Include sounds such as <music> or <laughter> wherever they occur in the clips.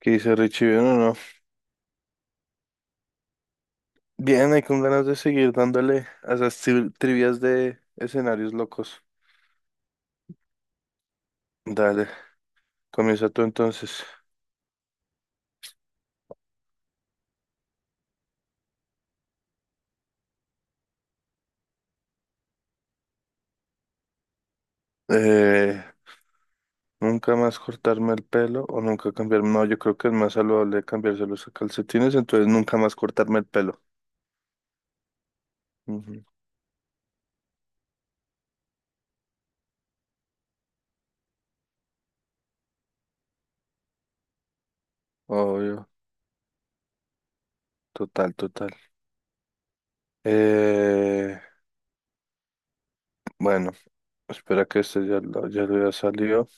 ¿Qué dice Richie? Bien o no. Bien, hay con ganas de seguir dándole a esas trivias de escenarios locos. Dale, comienza tú entonces. Eh, Nunca más cortarme el pelo o nunca cambiarme. No, yo creo que es más saludable cambiarse los calcetines, entonces nunca más cortarme el pelo. Ujú. Obvio, total, total. Eh, bueno, Espera que este ya lo haya salido.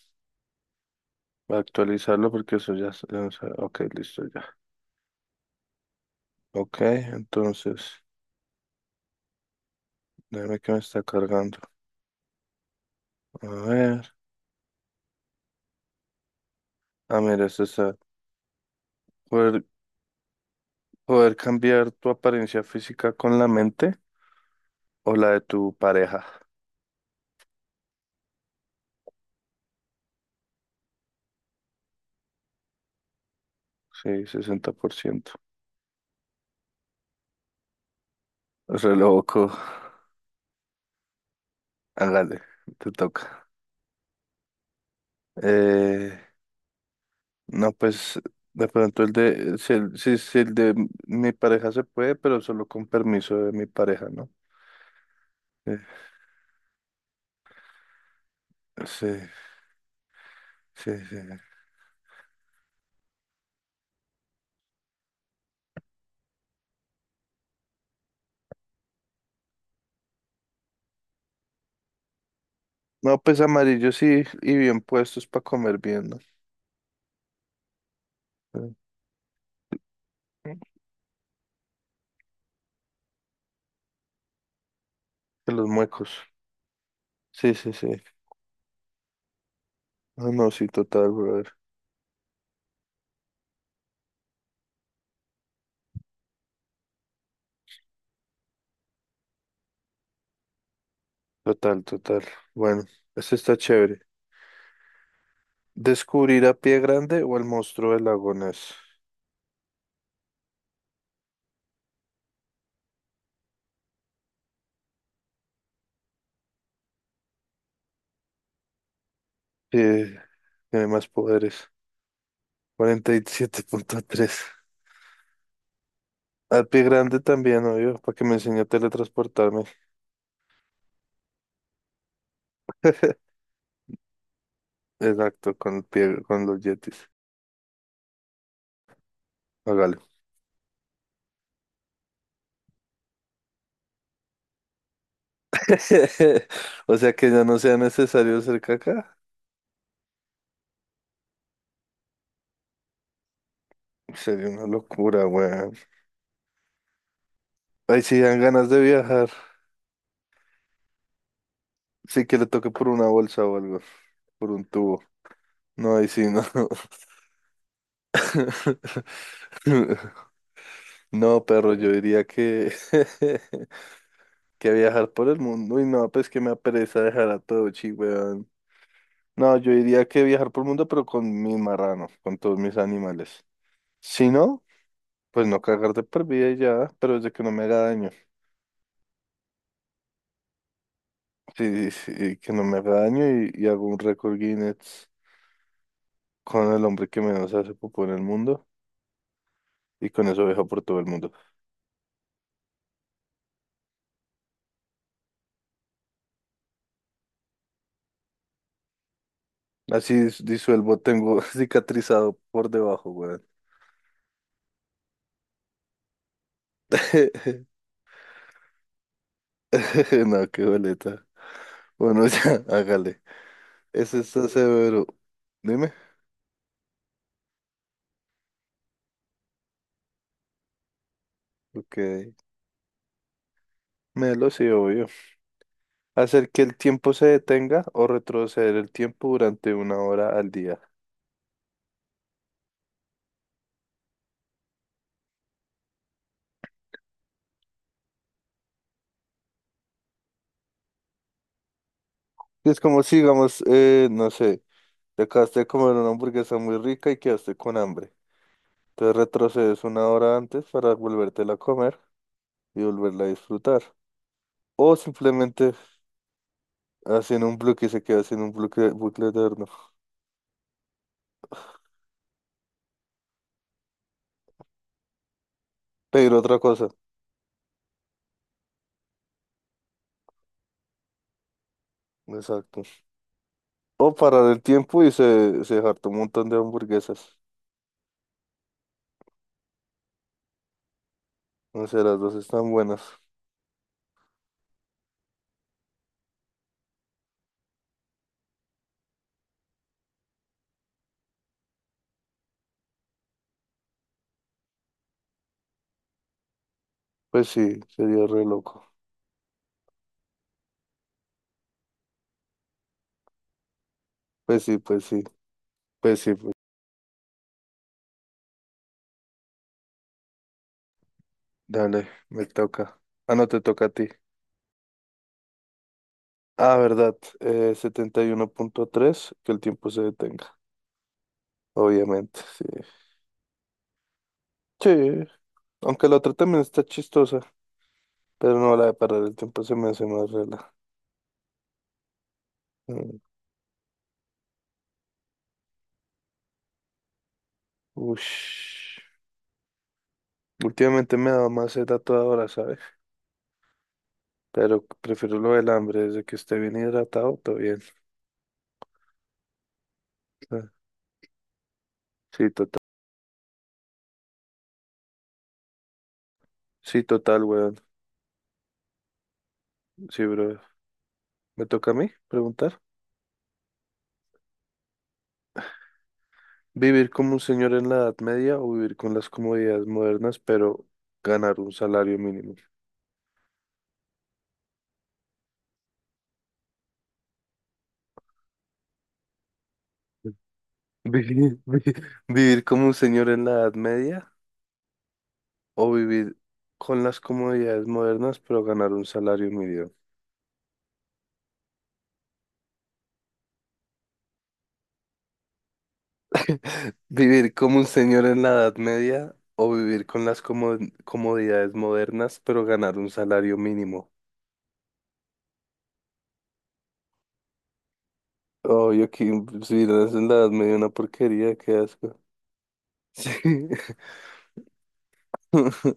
Voy a actualizarlo porque eso ya, ya no Ok, listo ya. Ok, entonces. Déjame que me está cargando. A ver. Ah, mira, es esa. Poder, Poder cambiar tu apariencia física con la mente o la de tu pareja. Sí, 60%. Re loco. Hágale, te toca. Eh, no, pues de pronto el de. Si el, si, si el de mi pareja se puede, pero solo con permiso de mi pareja, ¿no? Eh, Sí, sí, sí. No, pues amarillos sí, y bien puestos para comer bien, ¿no? Eh, Que los muecos. Sí, sí, sí. Ah, no, sí, total, brother. Total, total. Bueno, este está chévere. ¿Descubrir a Pie Grande o el monstruo del lago Ness? Eh, Tiene más poderes. 47.3. Al Pie Grande también, obvio, para que me enseñe a teletransportarme. Exacto, con el pie, con los yetis. Hágale. <laughs> O sea que ya no sea necesario hacer caca. Sería una locura, weón. Ay, sí, dan ganas de viajar. Sí, que le toque por una bolsa o algo, por un tubo. No, ahí sí, no. <laughs> <laughs> No, perro, yo diría que, <laughs> que viajar por el mundo. Uy, no, pues que me apereza dejar a todo, chi, weón. No, yo diría que viajar por el mundo, pero con mis marranos, con todos mis animales. Si no, pues no cagar de por vida y ya, pero es de que no me haga daño. Sí, sí, que no me haga daño y, hago un récord Guinness con el hombre que menos hace popó en el mundo y con eso viajo por todo el mundo. Así disuelvo, tengo <laughs> cicatrizado por debajo, weón. <laughs> <laughs> No, qué boleta. Bueno, <laughs> ya, hágale. Ese está severo. Dime. Ok. Melo, sí, obvio. Hacer que el tiempo se detenga o retroceder el tiempo durante una hora al día. Es como si, digamos, no sé, te acabaste de comer una hamburguesa muy rica y quedaste con hambre. Entonces retrocedes una hora antes para volvértela a comer y volverla a disfrutar. O simplemente haciendo un bloque y se queda haciendo bucle eterno. Pedir otra cosa. Exacto. O parar el tiempo y se hartó un montón de hamburguesas. No sé, las dos están buenas. Pues sí, sería re loco. Pues sí, pues sí, pues sí, pues. Dale, me toca. Ah, no, te toca a ti. Ah, verdad, 71.3, que el tiempo se detenga, obviamente, sí. Sí, aunque la otra también está chistosa, pero no, la de parar el tiempo se me hace más rela. Mm, ush. Últimamente me da más sed a toda hora, ¿sabes? Pero prefiero lo del hambre, desde que esté bien hidratado, todavía. Ah, sí, total. Sí, total, weón. Sí, bro. ¿Me toca a mí preguntar? ¿Vivir como un señor en la Edad Media o vivir con las comodidades modernas, pero ganar un salario mínimo? <laughs> ¿Vivir, vi- ¿Vivir como un señor en la Edad Media o vivir con las comodidades modernas, pero ganar un salario mínimo? <laughs> ¿Vivir como un señor en la Edad Media o vivir con las comodidades modernas, pero ganar un salario mínimo? Oh, yo aquí, sí, la ensalada me dio una porquería, qué asco. Sí. <laughs>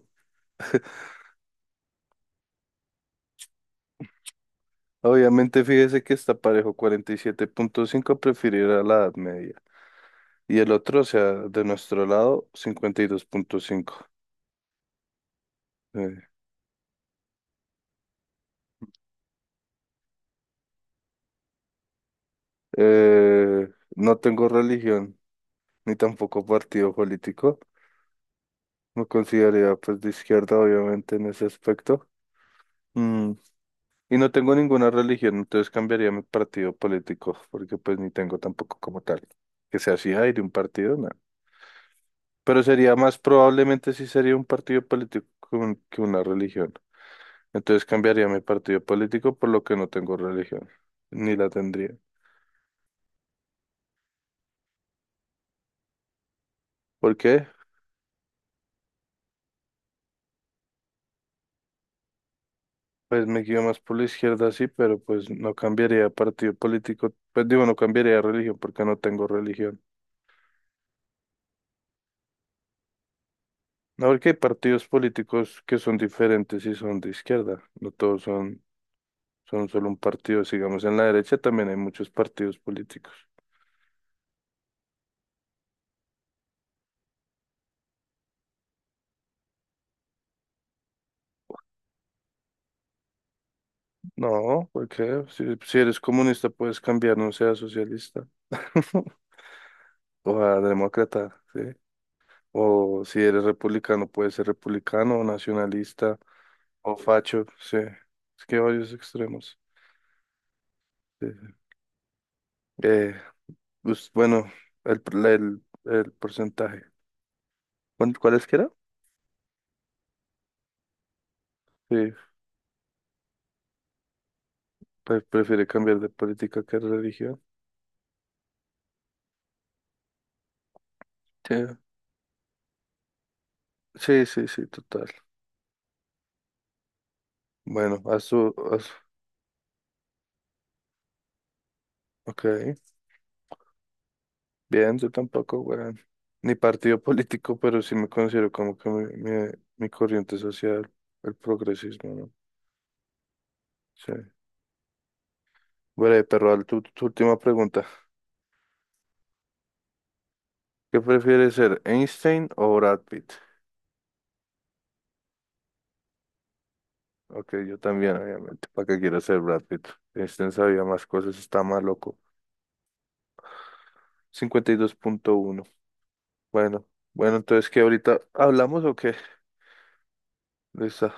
Obviamente, fíjese que está parejo, 47.5 preferirá la Edad Media. Y el otro, o sea, de nuestro lado, 52.5. Sí. Eh, no tengo religión, ni tampoco partido político. Me consideraría pues de izquierda, obviamente, en ese aspecto. Mm, y no tengo ninguna religión, entonces cambiaría mi partido político, porque pues ni tengo tampoco como tal. Que sea así, ay, de un partido, no. Pero sería más probablemente si sería un partido político que que una religión. Entonces cambiaría mi partido político por lo que no tengo religión, ni la tendría. ¿Por qué? Pues me guío más por la izquierda, sí, pero pues no cambiaría de partido político, pues digo, no cambiaría de religión porque no tengo religión. No, porque hay partidos políticos que son diferentes y son de izquierda, no todos son solo un partido. Sigamos en la derecha, también hay muchos partidos políticos. No, porque si eres comunista puedes cambiar, no seas socialista <laughs> o a demócrata, ¿sí? O si eres republicano puedes ser republicano o nacionalista o facho, sí. Es que hay varios extremos. Sí, sí. Eh, pues bueno, el porcentaje. ¿Cuál es que era? Sí, prefiere cambiar de política que de religión. Sí, sí, sí, sí, total. Bueno, a su. Ok, bien, yo tampoco, weón. Ni partido <laughs> político, pero sí me considero como que mi corriente social, el progresismo, ¿no? Sí. Bueno, pero tu última pregunta. ¿Qué prefieres ser, Einstein o Brad Pitt? Ok, yo también, obviamente. ¿Para qué quiero ser Brad Pitt? Einstein sabía más cosas, está más loco. 52.1. Bueno, bueno, entonces, ¿qué ahorita hablamos o qué? Listo.